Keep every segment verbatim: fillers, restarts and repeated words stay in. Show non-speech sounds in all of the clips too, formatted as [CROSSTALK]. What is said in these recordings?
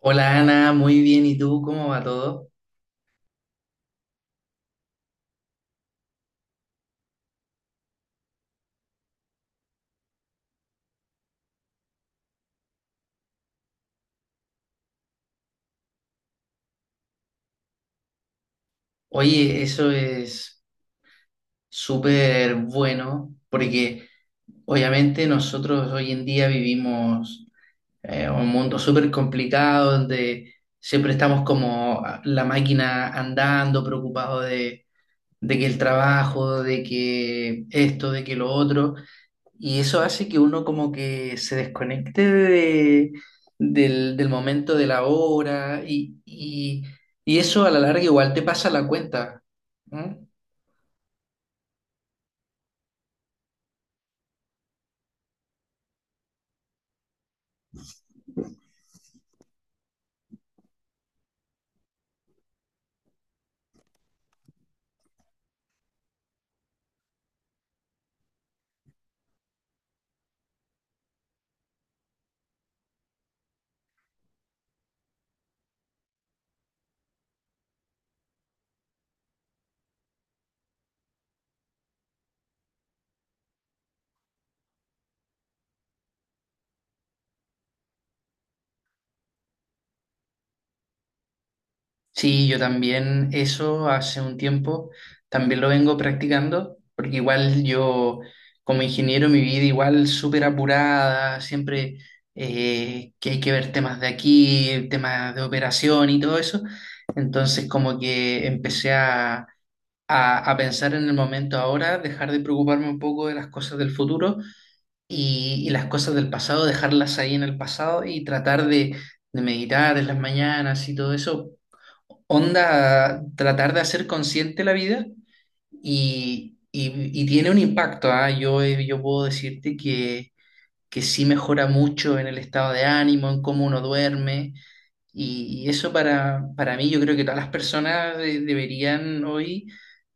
Hola Ana, muy bien. ¿Y tú cómo va todo? Oye, eso es súper bueno porque obviamente nosotros hoy en día vivimos eh, un mundo súper complicado donde siempre estamos como la máquina andando, preocupados de, de que el trabajo, de que esto, de que lo otro. Y eso hace que uno como que se desconecte de- del, del momento de la hora y, y- y eso a la larga igual te pasa la cuenta, ¿no? Sí, yo también eso hace un tiempo también lo vengo practicando porque igual yo como ingeniero mi vida igual súper apurada, siempre eh, que hay que ver temas de aquí, temas de operación y todo eso. Entonces como que empecé a a, a pensar en el momento ahora, dejar de preocuparme un poco de las cosas del futuro y, y las cosas del pasado, dejarlas ahí en el pasado y tratar de, de meditar en las mañanas y todo eso. Onda, tratar de hacer consciente la vida y, y- y tiene un impacto, ¿ah? Yo, eh, yo puedo decirte que que sí mejora mucho en el estado de ánimo, en cómo uno duerme. Y, y eso para, para mí, yo creo que todas las personas de- deberían hoy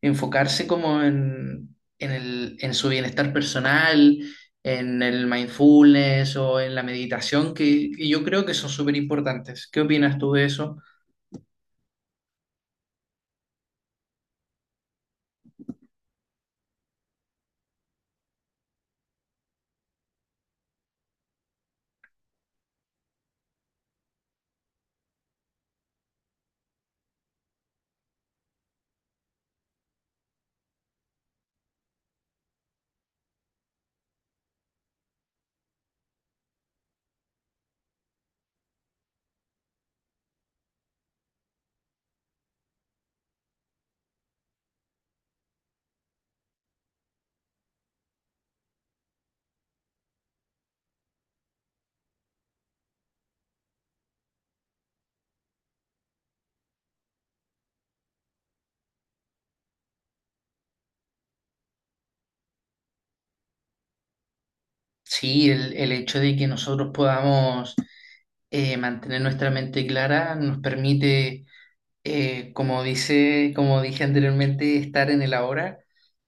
enfocarse como en, en el, en su bienestar personal, en el mindfulness o en la meditación, que, que yo creo que son súper importantes. ¿Qué opinas tú de eso? Sí, el, el hecho de que nosotros podamos eh, mantener nuestra mente clara nos permite, eh, como dice, como dije anteriormente, estar en el ahora,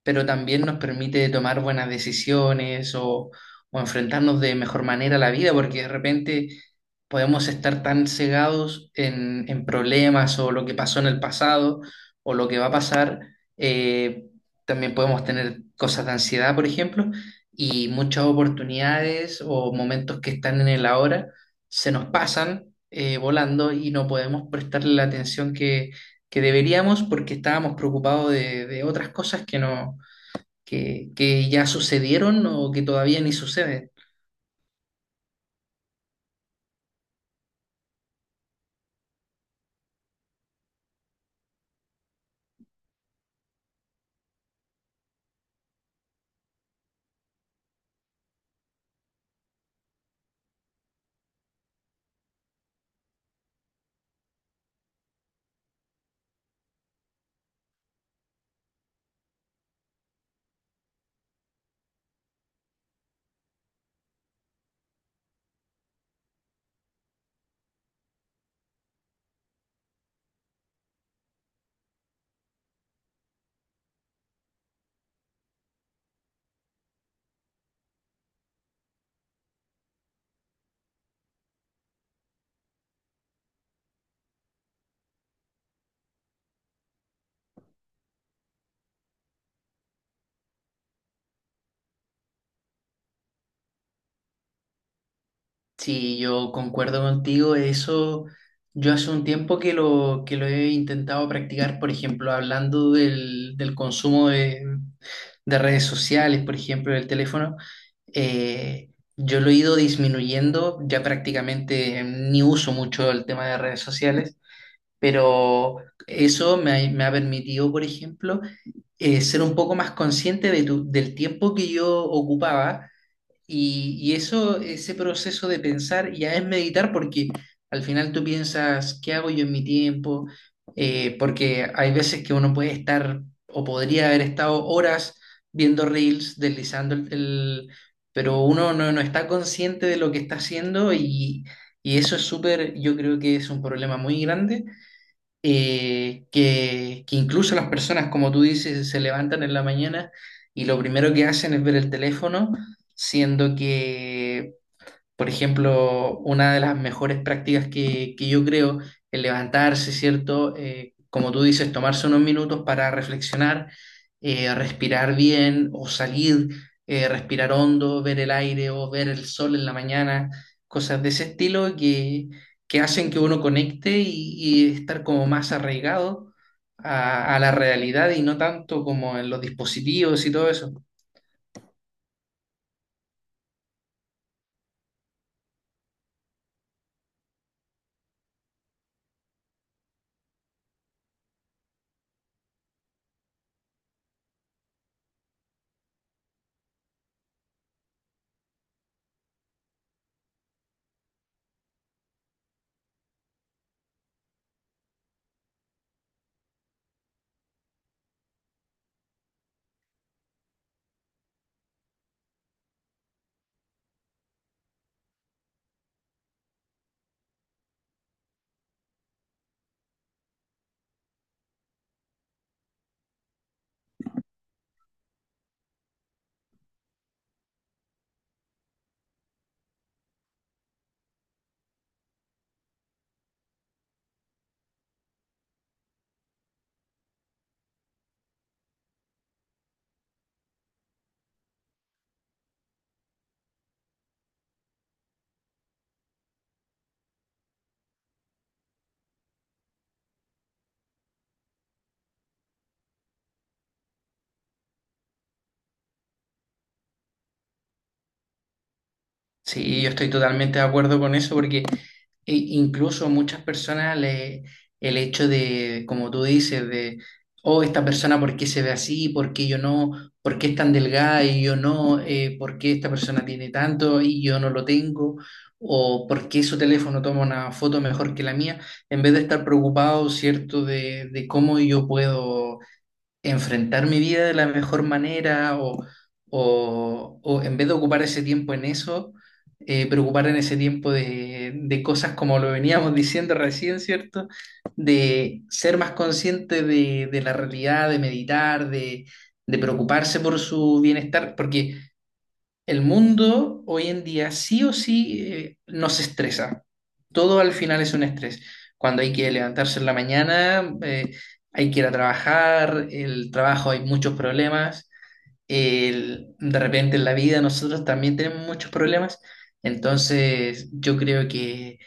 pero también nos permite tomar buenas decisiones o, o enfrentarnos de mejor manera a la vida, porque de repente podemos estar tan cegados en, en problemas o lo que pasó en el pasado o lo que va a pasar. eh, también podemos tener cosas de ansiedad, por ejemplo, y muchas oportunidades o momentos que están en el ahora se nos pasan, eh, volando y no podemos prestarle la atención que, que deberíamos porque estábamos preocupados de, de otras cosas que no, que, que ya sucedieron o que todavía ni suceden. Sí, yo concuerdo contigo. Eso yo hace un tiempo que lo, que lo he intentado practicar, por ejemplo, hablando del, del consumo de, de redes sociales, por ejemplo, del teléfono. eh, yo lo he ido disminuyendo, ya prácticamente ni uso mucho el tema de redes sociales, pero eso me ha, me ha permitido, por ejemplo, eh, ser un poco más consciente de tu- del tiempo que yo ocupaba y, y eso, ese proceso de pensar ya es meditar porque al final tú piensas, ¿qué hago yo en mi tiempo? Eh, porque hay veces que uno puede estar o podría haber estado horas viendo reels, deslizando el, el- Pero uno no, no está consciente de lo que está haciendo y, y eso es súper, yo creo que es un problema muy grande, eh, que, que incluso las personas, como tú dices, se levantan en la mañana y lo primero que hacen es ver el teléfono, siendo que, por ejemplo, una de las mejores prácticas que, que yo creo, el levantarse, ¿cierto? Eh, como tú dices, tomarse unos minutos para reflexionar, eh, respirar bien o salir, eh, respirar hondo, ver el aire o ver el sol en la mañana, cosas de ese estilo que, que hacen que uno conecte y, y estar como más arraigado a, a la realidad y no tanto como en los dispositivos y todo eso. Sí, yo estoy totalmente de acuerdo con eso porque e- incluso muchas personas le, el hecho de, como tú dices, de, oh, esta persona, ¿por qué se ve así? ¿Por qué yo no? ¿Por qué es tan delgada y yo no? Eh, ¿por qué esta persona tiene tanto y yo no lo tengo? ¿O por qué su teléfono toma una foto mejor que la mía? En vez de estar preocupado, ¿cierto?, de, de cómo yo puedo enfrentar mi vida de la mejor manera o, o- o en vez de ocupar ese tiempo en eso, eh, preocupar en ese tiempo de, de cosas como lo veníamos [LAUGHS] diciendo recién, ¿cierto? De ser más consciente de, de la realidad, de meditar, de, de preocuparse por su bienestar, porque el mundo hoy en día sí o sí, eh, nos estresa. Todo al final es un estrés. Cuando hay que levantarse en la mañana, eh, hay que ir a trabajar, el trabajo hay muchos problemas, el- de repente en la vida nosotros también tenemos muchos problemas. Entonces yo creo que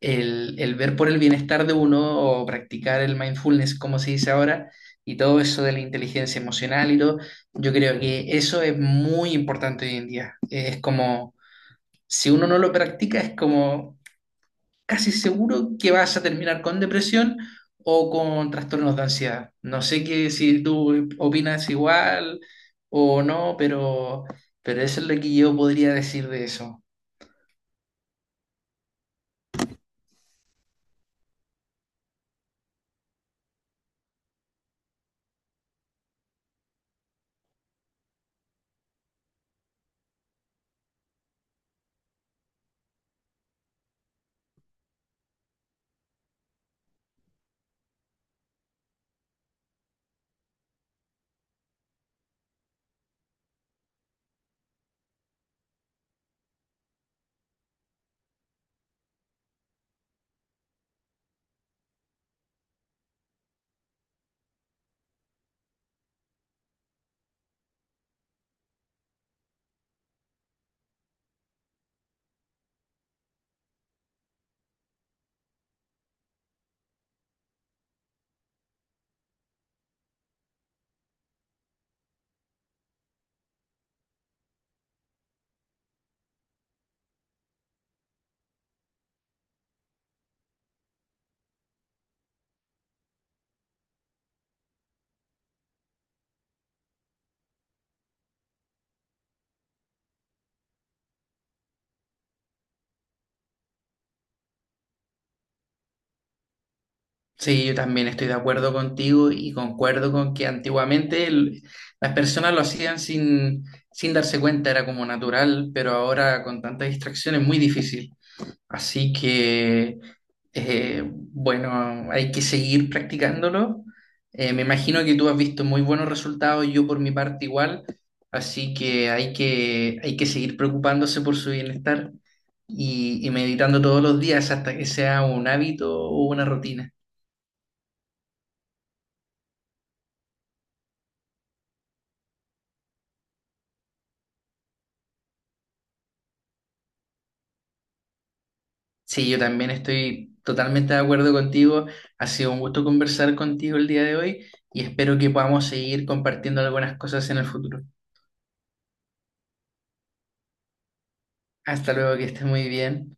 el, el ver por el bienestar de uno o practicar el mindfulness, como se dice ahora, y todo eso de la inteligencia emocional y todo, yo creo que eso es muy importante hoy en día. Es como, si uno no lo practica, es como casi seguro que vas a terminar con depresión o con trastornos de ansiedad. No sé que si tú opinas igual o no, pero, pero eso es lo que yo podría decir de eso. Sí, yo también estoy de acuerdo contigo y concuerdo con que antiguamente el- las personas lo hacían sin, sin darse cuenta, era como natural, pero ahora con tanta distracción es muy difícil. Así que, eh, bueno, hay que seguir practicándolo. Eh, me imagino que tú has visto muy buenos resultados, yo por mi parte igual, así que hay que, hay que seguir preocupándose por su bienestar y, y meditando todos los días hasta que sea un hábito o una rutina. Sí, yo también estoy totalmente de acuerdo contigo. Ha sido un gusto conversar contigo el día de hoy y espero que podamos seguir compartiendo algunas cosas en el futuro. Hasta luego, que estés muy bien.